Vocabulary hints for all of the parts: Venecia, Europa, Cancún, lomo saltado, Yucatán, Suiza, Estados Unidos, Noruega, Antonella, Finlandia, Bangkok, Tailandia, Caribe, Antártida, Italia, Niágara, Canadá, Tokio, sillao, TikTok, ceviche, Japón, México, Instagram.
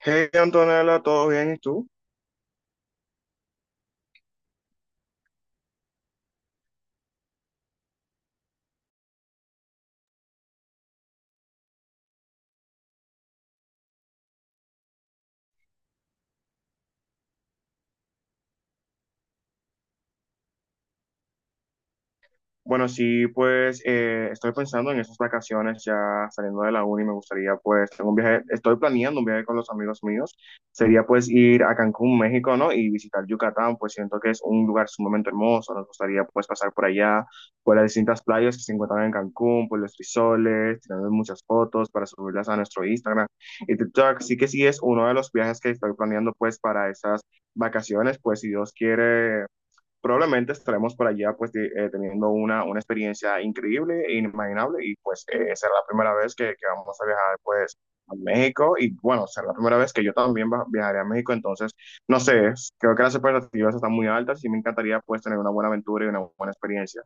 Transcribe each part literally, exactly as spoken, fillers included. Hey Antonella, ¿todo bien? ¿Y tú? Bueno, sí, pues eh, estoy pensando en esas vacaciones ya saliendo de la uni, me gustaría pues, tengo un viaje, estoy planeando un viaje con los amigos míos, sería pues ir a Cancún, México, ¿no? Y visitar Yucatán, pues siento que es un lugar sumamente hermoso, nos gustaría pues pasar por allá, por las distintas playas que se encuentran en Cancún, por los frisoles, tirando muchas fotos para subirlas a nuestro Instagram y TikTok, así que sí es uno de los viajes que estoy planeando pues para esas vacaciones, pues si Dios quiere. Probablemente estaremos por allá pues de, eh, teniendo una, una, experiencia increíble e inimaginable y pues eh, será la primera vez que, que, vamos a viajar pues a México y bueno, será la primera vez que yo también va- viajaré a México, entonces no sé, creo que las expectativas están muy altas y me encantaría pues tener una buena aventura y una buena experiencia.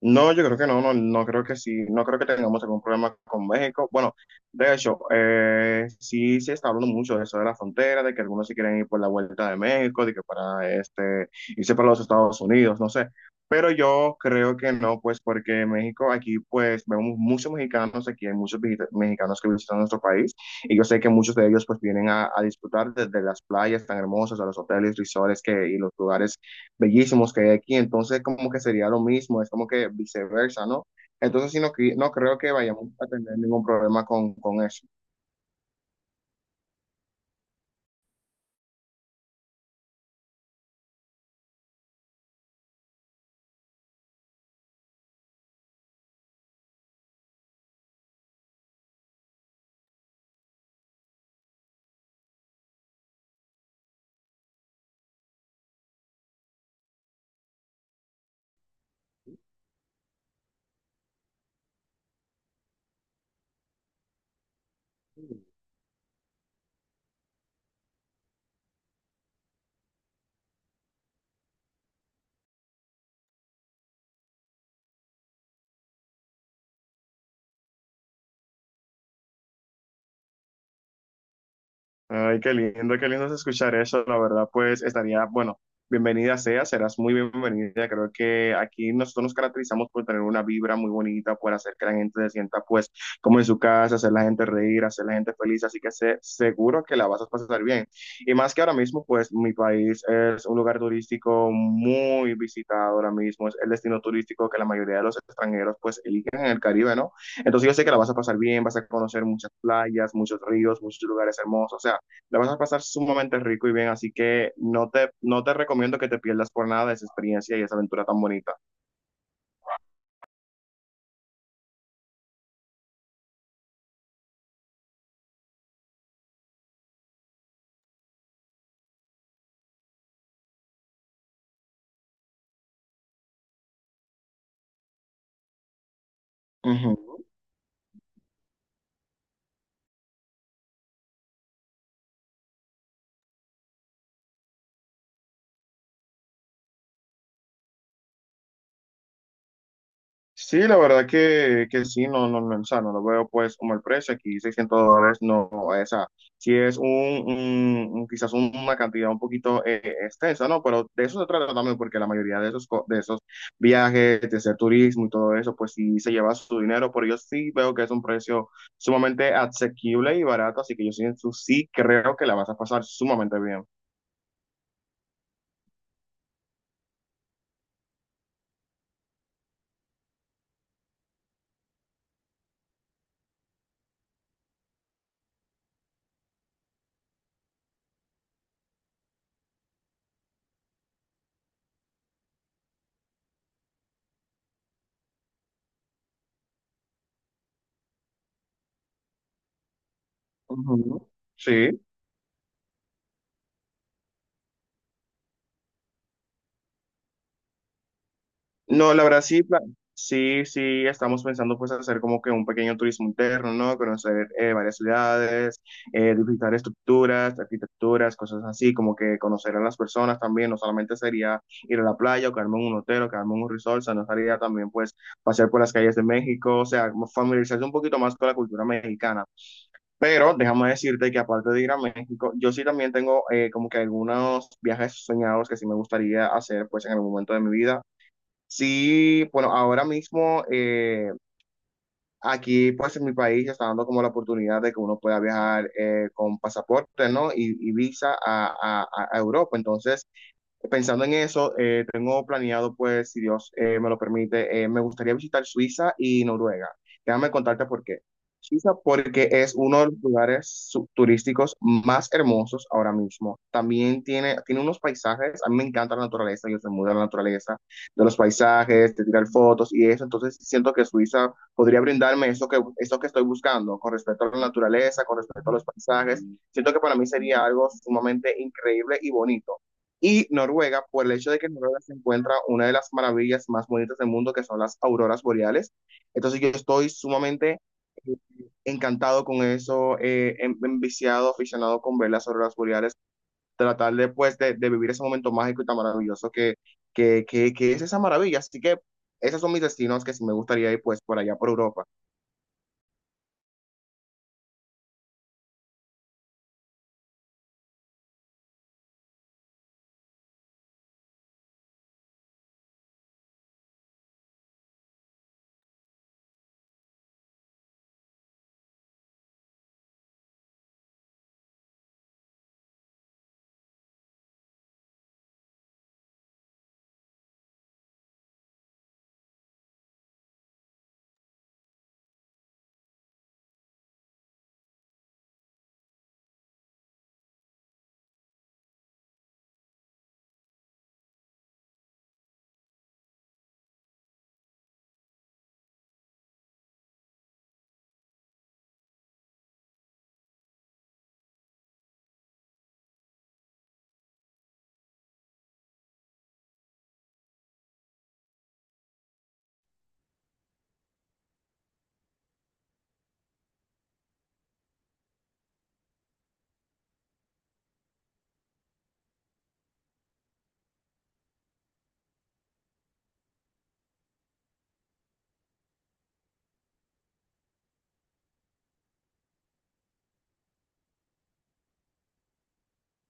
No, yo creo que no, no, no creo que sí, no creo que tengamos algún problema con México. Bueno, de hecho, eh, sí se está hablando mucho de eso de la frontera, de que algunos se quieren ir por la vuelta de México, de que para este, irse para los Estados Unidos, no sé. Pero yo creo que no, pues porque México aquí, pues vemos muchos mexicanos aquí, hay muchos visita- mexicanos que visitan nuestro país y yo sé que muchos de ellos pues vienen a, a disfrutar desde las playas tan hermosas, a los hoteles, resorts que, y los lugares bellísimos que hay aquí, entonces como que sería lo mismo, es como que viceversa, ¿no? Entonces sí, no, cre- no creo que vayamos a tener ningún problema con, con eso. Ay, qué lindo, qué lindo es escuchar eso. La verdad, pues estaría, bueno, bienvenida sea, serás muy bienvenida. Creo que aquí nosotros nos caracterizamos por tener una vibra muy bonita, por hacer que la gente se sienta, pues, como en su casa, hacer la gente reír, hacer la gente feliz. Así que sé, seguro que la vas a pasar bien. Y más que ahora mismo, pues, mi país es un lugar turístico muy visitado ahora mismo. Es el destino turístico que la mayoría de los extranjeros, pues, eligen en el Caribe, ¿no? Entonces yo sé que la vas a pasar bien, vas a conocer muchas playas, muchos ríos, muchos lugares hermosos. O sea, la vas a pasar sumamente rico y bien, así que no te, no te recomiendo que te pierdas por nada de esa experiencia y esa aventura tan bonita. Ujú. Sí, la verdad que, que sí, no, no, no, o sea, no lo veo pues como el precio, aquí seiscientos dólares no, o sea, sí es un, un- un- quizás una cantidad un poquito eh, extensa, ¿no? Pero de eso se trata también, porque la mayoría de esos, co- de esos viajes, de ese turismo y todo eso, pues sí se lleva su dinero, pero yo sí veo que es un precio sumamente asequible y barato, así que yo sí, sí creo que la vas a pasar sumamente bien. Ujú. Sí. No, la verdad sí, pla- sí, sí, estamos pensando pues hacer como que un pequeño turismo interno, ¿no? Conocer eh, varias ciudades, eh, visitar estructuras, arquitecturas, cosas así, como que conocer a las personas también, no solamente sería ir a la playa o quedarme en un hotel o quedarme en un resort, sino sería también pues pasear por las calles de México, o sea, como familiarizarse un poquito más con la cultura mexicana. Pero déjame decirte que aparte de ir a México, yo sí también tengo eh, como que algunos viajes soñados que sí me gustaría hacer pues en algún momento de mi vida. Sí, bueno, ahora mismo eh, aquí pues en mi país se está dando como la oportunidad de que uno pueda viajar eh, con pasaporte, ¿no? Y, y visa a, a- a- a Europa. Entonces, pensando en eso, eh, tengo planeado, pues, si Dios eh, me lo permite, eh, me gustaría visitar Suiza y Noruega. Déjame contarte por qué. Suiza porque es uno de los lugares su- turísticos más hermosos ahora mismo. También tiene, tiene unos paisajes, a mí me encanta la naturaleza, yo soy muy de la naturaleza, de los paisajes, de tirar fotos y eso. Entonces siento que Suiza podría brindarme eso que, eso que estoy buscando con respecto a la naturaleza, con respecto a los paisajes. Siento que para mí sería algo sumamente increíble y bonito. Y Noruega, por el hecho de que en Noruega se encuentra una de las maravillas más bonitas del mundo, que son las auroras boreales. Entonces yo estoy sumamente eh, encantado con eso, eh, en- enviciado, aficionado con ver las auroras boreales, tratar de, pues, de, de vivir ese momento mágico y tan maravilloso que, que, que, que es esa maravilla. Así que esos son mis destinos que sí me gustaría ir pues por allá por Europa.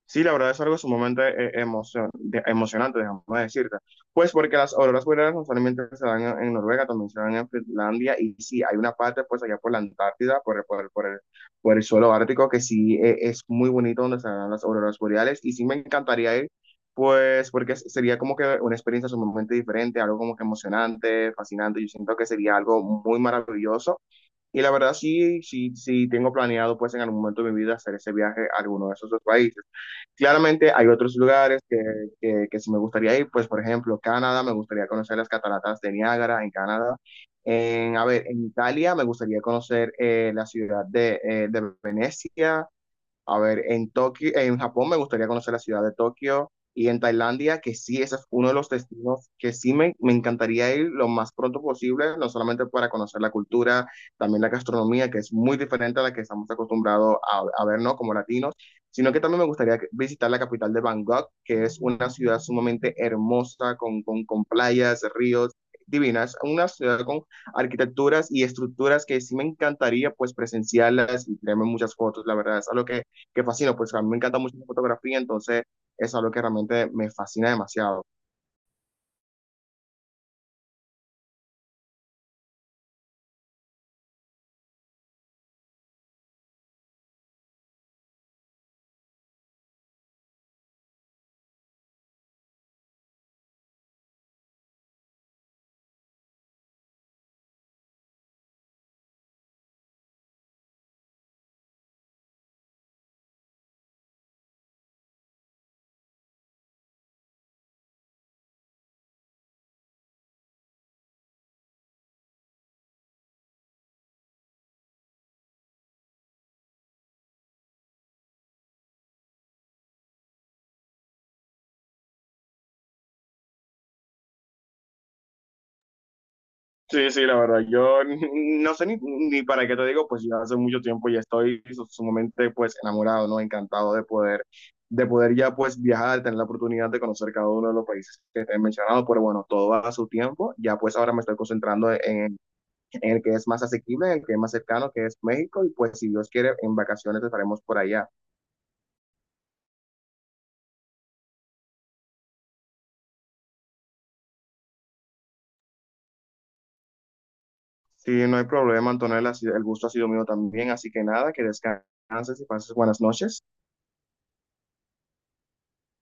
Sí, la verdad es algo sumamente eh, emocion- de- emocionante, dejamos decirte. Pues porque las auroras boreales no solamente se dan en, en Noruega, también se dan en Finlandia y sí, hay una parte pues allá por la Antártida, por, el- por, el- por el, por el suelo ártico, que sí eh, es muy bonito donde se dan las auroras boreales y sí me encantaría ir, pues porque s- sería como que una experiencia sumamente diferente, algo como que emocionante, fascinante, yo siento que sería algo muy maravilloso. Y la verdad sí, sí, sí tengo planeado pues en algún momento de mi vida hacer ese viaje a alguno de esos dos países. Claramente hay otros lugares que, que, que sí me gustaría ir, pues por ejemplo Canadá, me gustaría conocer las cataratas de Niágara en Canadá. En, a ver, en Italia me gustaría conocer eh, la ciudad de, eh, de Venecia, a ver, en Tokio, en Japón me gustaría conocer la ciudad de Tokio y en Tailandia, que sí, ese es uno de los destinos que sí me, me encantaría ir lo más pronto posible, no solamente para conocer la cultura, también la gastronomía, que es muy diferente a la que estamos acostumbrados a, a ver, ¿no? Como latinos, sino que también me gustaría visitar la capital de Bangkok, que es una ciudad sumamente hermosa, con, con, con playas, ríos divinas, una ciudad con arquitecturas y estructuras que sí me encantaría pues presenciarlas y tenerme muchas fotos, la verdad, es algo que que fascino, pues a mí me encanta mucho la fotografía, entonces es algo que realmente me fascina demasiado. Sí, sí, la verdad, yo n- no sé ni, ni para qué te digo, pues ya hace mucho tiempo ya estoy su- sumamente pues enamorado, ¿no? Encantado de poder, de poder, ya pues viajar, de tener la oportunidad de conocer cada uno de los países que te he mencionado, pero bueno, todo a su tiempo, ya pues ahora me estoy concentrando en, en el que es más asequible, en el que es más cercano, que es México, y pues si Dios quiere, en vacaciones estaremos por allá. Sí, no hay problema, Antonella. ha sido- El gusto ha sido mío también. Así que nada, que descanses y pases buenas noches.